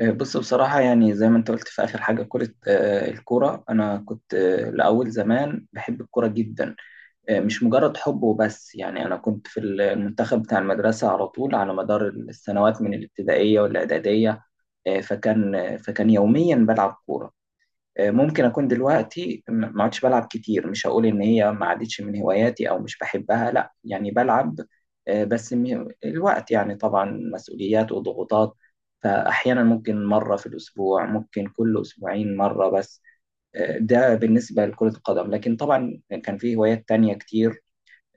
بص بصراحة يعني زي ما انت قلت في آخر حاجة كرة الكرة أنا كنت لأول زمان بحب الكرة جدا. مش مجرد حب وبس، يعني أنا كنت في المنتخب بتاع المدرسة على طول، على مدار السنوات من الابتدائية والإعدادية. فكان يوميا بلعب كورة. ممكن اكون دلوقتي ما عدتش بلعب كتير، مش هقول ان هي ما عادتش من هواياتي او مش بحبها، لا يعني بلعب. بس الوقت، يعني طبعا مسؤوليات وضغوطات، فاحيانا ممكن مره في الاسبوع، ممكن كل اسبوعين مره بس. ده بالنسبه لكرة القدم، لكن طبعا كان في هوايات تانية كتير.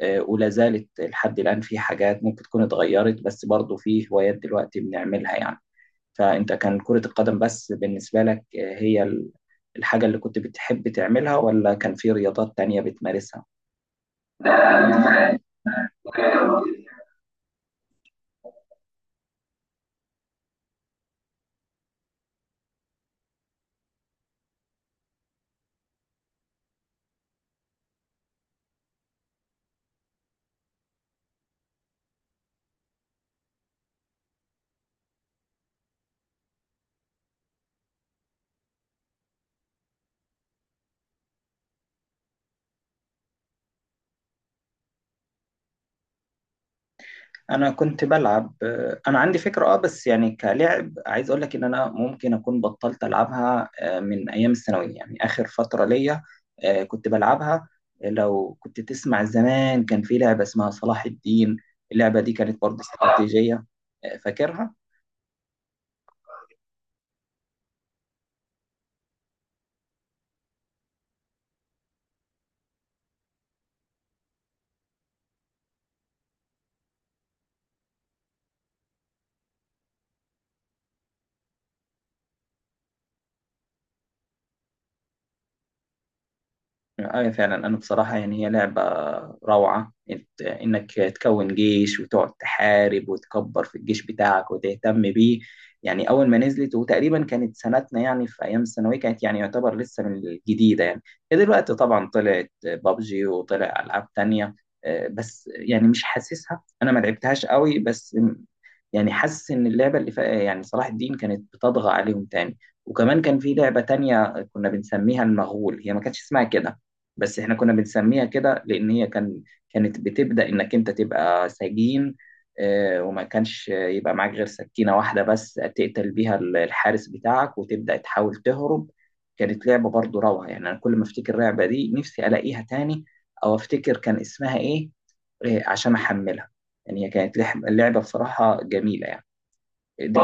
ولا زالت لحد الان، في حاجات ممكن تكون اتغيرت بس برضو في هوايات دلوقتي بنعملها يعني. فأنت كان كرة القدم بس بالنسبة لك، هي الحاجة اللي كنت بتحب تعملها، ولا كان في رياضات تانية بتمارسها؟ أنا كنت بلعب، أنا عندي فكرة أه، بس يعني كلعب عايز أقول لك إن أنا ممكن أكون بطلت ألعبها من أيام الثانوية، يعني آخر فترة ليا كنت بلعبها. لو كنت تسمع زمان، كان في لعبة اسمها صلاح الدين، اللعبة دي كانت برضه استراتيجية. فاكرها؟ أي فعلا، أنا بصراحة يعني هي لعبة روعة، إنك تكون جيش وتقعد تحارب وتكبر في الجيش بتاعك وتهتم بيه. يعني أول ما نزلت، وتقريبا كانت سنتنا يعني في أيام الثانوية، كانت يعني يعتبر لسه من الجديدة يعني. دلوقتي طبعا طلعت بابجي وطلع ألعاب تانية، بس يعني مش حاسسها، أنا ما لعبتهاش قوي، بس يعني حاسس ان اللعبه اللي يعني صلاح الدين كانت بتطغى عليهم تاني. وكمان كان في لعبه تانية كنا بنسميها المغول، هي ما كانتش اسمها كده بس احنا كنا بنسميها كده، لان هي كانت بتبدا انك انت تبقى سجين. وما كانش يبقى معاك غير سكينه واحده بس، تقتل بيها الحارس بتاعك وتبدا تحاول تهرب. كانت لعبه برضو روعه يعني، انا كل ما افتكر اللعبه دي نفسي الاقيها تاني، او افتكر كان اسمها ايه عشان احملها. يعني هي كانت لعبه بصراحه جميله يعني. دي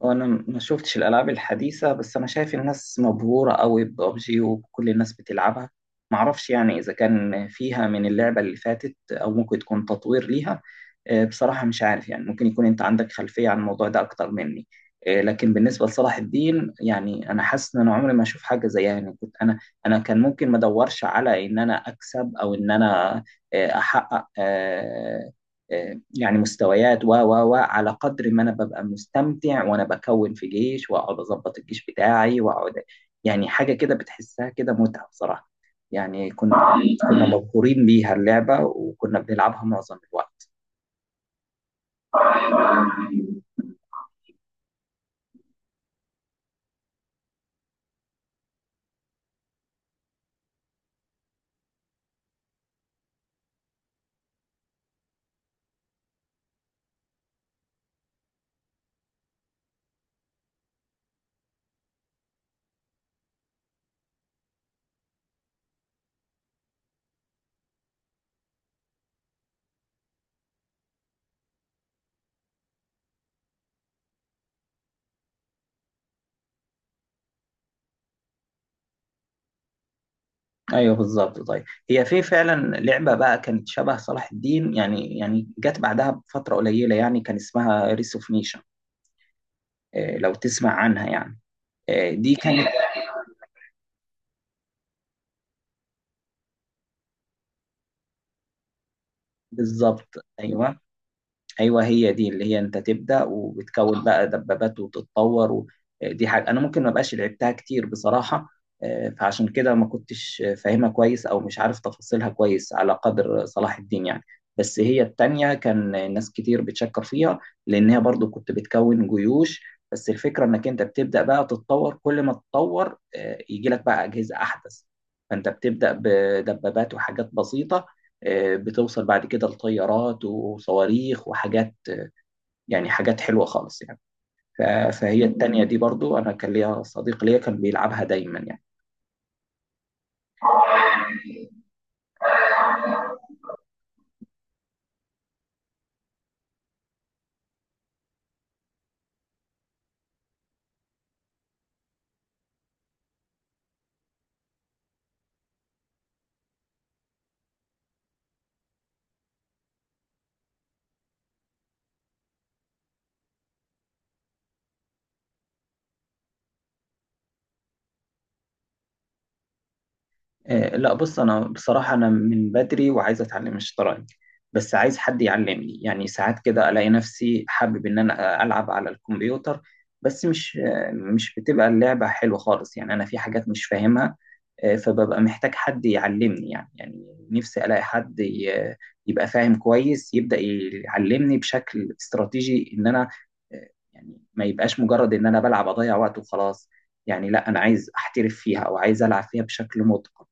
وانا ما شفتش الالعاب الحديثه، بس انا شايف الناس مبهوره قوي ببجي وكل الناس بتلعبها. معرفش يعني اذا كان فيها من اللعبه اللي فاتت او ممكن تكون تطوير ليها. بصراحه مش عارف يعني، ممكن يكون انت عندك خلفيه عن الموضوع ده اكتر مني. لكن بالنسبه لصلاح الدين يعني انا حاسس ان انا عمري ما اشوف حاجه زيها يعني. كنت انا انا كان ممكن ما ادورش على ان انا اكسب او ان انا احقق يعني مستويات، و على قدر ما انا ببقى مستمتع وانا بكون في جيش واقعد اظبط الجيش بتاعي واقعد، يعني حاجه كده بتحسها كده متعه بصراحه. يعني كنا كنا مبهورين بيها اللعبه، وكنا بنلعبها معظم الوقت. ايوه بالظبط. طيب، هي في فعلا لعبه بقى كانت شبه صلاح الدين، يعني يعني جت بعدها بفتره قليله، يعني كان اسمها ريس اوف نيشن، لو تسمع عنها يعني. دي كانت بالظبط. ايوه ايوه، هي دي اللي هي انت تبدا وبتكون بقى دبابات وتتطور دي حاجه انا ممكن ما بقاش لعبتها كتير بصراحه. فعشان كده ما كنتش فاهمها كويس او مش عارف تفاصيلها كويس على قدر صلاح الدين يعني. بس هي التانية كان ناس كتير بتشكر فيها، لان هي برضو كنت بتكون جيوش، بس الفكره انك انت بتبدا بقى تتطور، كل ما تتطور يجي لك بقى اجهزه احدث. فانت بتبدا بدبابات وحاجات بسيطه، بتوصل بعد كده لطيارات وصواريخ وحاجات، يعني حاجات حلوة خالص يعني. ف- فهي التانية دي برضو أنا كان ليا صديق ليا كان بيلعبها دايما يعني. لا بص، انا بصراحه انا من بدري وعايز اتعلم الشطرنج، بس عايز حد يعلمني يعني. ساعات كده الاقي نفسي حابب ان انا العب على الكمبيوتر، بس مش مش بتبقى اللعبه حلوه خالص يعني، انا في حاجات مش فاهمها. فببقى محتاج حد يعلمني يعني. يعني نفسي الاقي حد يبقى فاهم كويس، يبدا يعلمني بشكل استراتيجي ان انا آه، يعني ما يبقاش مجرد ان انا بلعب اضيع وقت وخلاص يعني. لا انا عايز احترف فيها او عايز العب فيها بشكل متقن،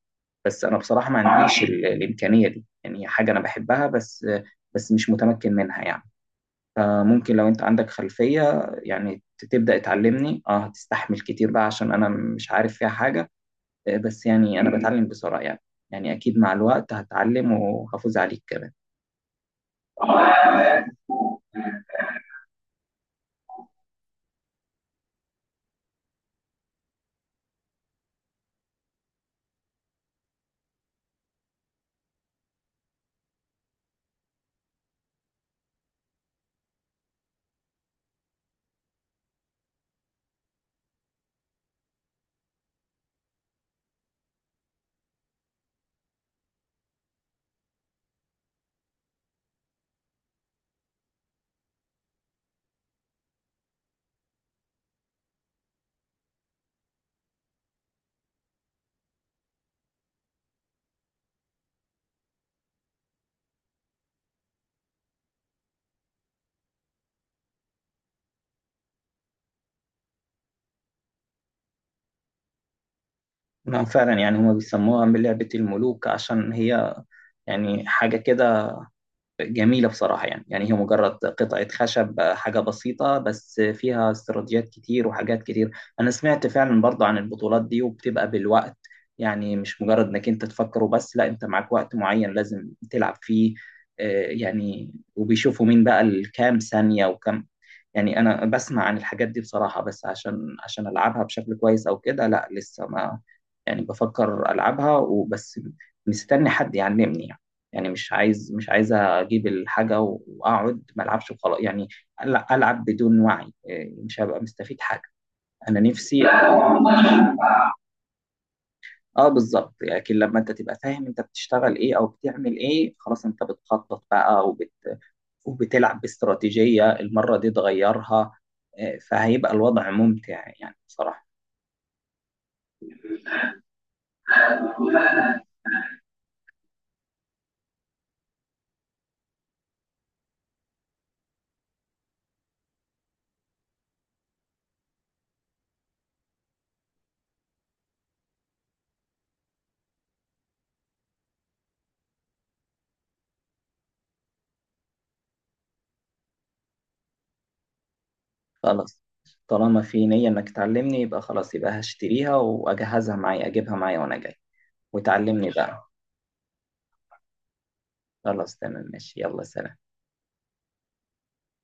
بس انا بصراحه ما عنديش الامكانيه دي. يعني هي حاجه انا بحبها، بس بس مش متمكن منها يعني. فممكن لو انت عندك خلفيه يعني تبدا تعلمني، اه هتستحمل كتير بقى عشان انا مش عارف فيها حاجه. بس يعني انا بتعلم بسرعه يعني، يعني اكيد مع الوقت هتعلم وهفوز عليك كمان. ما فعلا يعني هما بيسموها من لعبه الملوك، عشان هي يعني حاجه كده جميلة بصراحة يعني. يعني هي مجرد قطعة خشب، حاجة بسيطة بس فيها استراتيجيات كتير وحاجات كتير. أنا سمعت فعلا برضه عن البطولات دي، وبتبقى بالوقت، يعني مش مجرد إنك أنت تفكر وبس، لا أنت معاك وقت معين لازم تلعب فيه. يعني وبيشوفوا مين بقى الكام ثانية وكم. يعني أنا بسمع عن الحاجات دي بصراحة، بس عشان ألعبها بشكل كويس أو كده لا لسه ما، يعني بفكر ألعبها وبس، مستني حد يعلمني يعني. يعني مش عايز مش عايز اجيب الحاجه واقعد ما العبش وخلاص يعني، العب بدون وعي إيه، مش هبقى مستفيد حاجه. انا نفسي. اه بالظبط، لكن لما انت تبقى فاهم انت بتشتغل ايه او بتعمل ايه، خلاص انت بتخطط بقى وبتلعب باستراتيجيه، المره دي تغيرها. فهيبقى الوضع ممتع يعني بصراحه. خلاص، طالما في نيه انك تعلمني، يبقى خلاص، يبقى هشتريها واجهزها معايا اجيبها معايا وانا جاي، وتعلمني بقى. خلاص تمام ماشي، يلا سلام.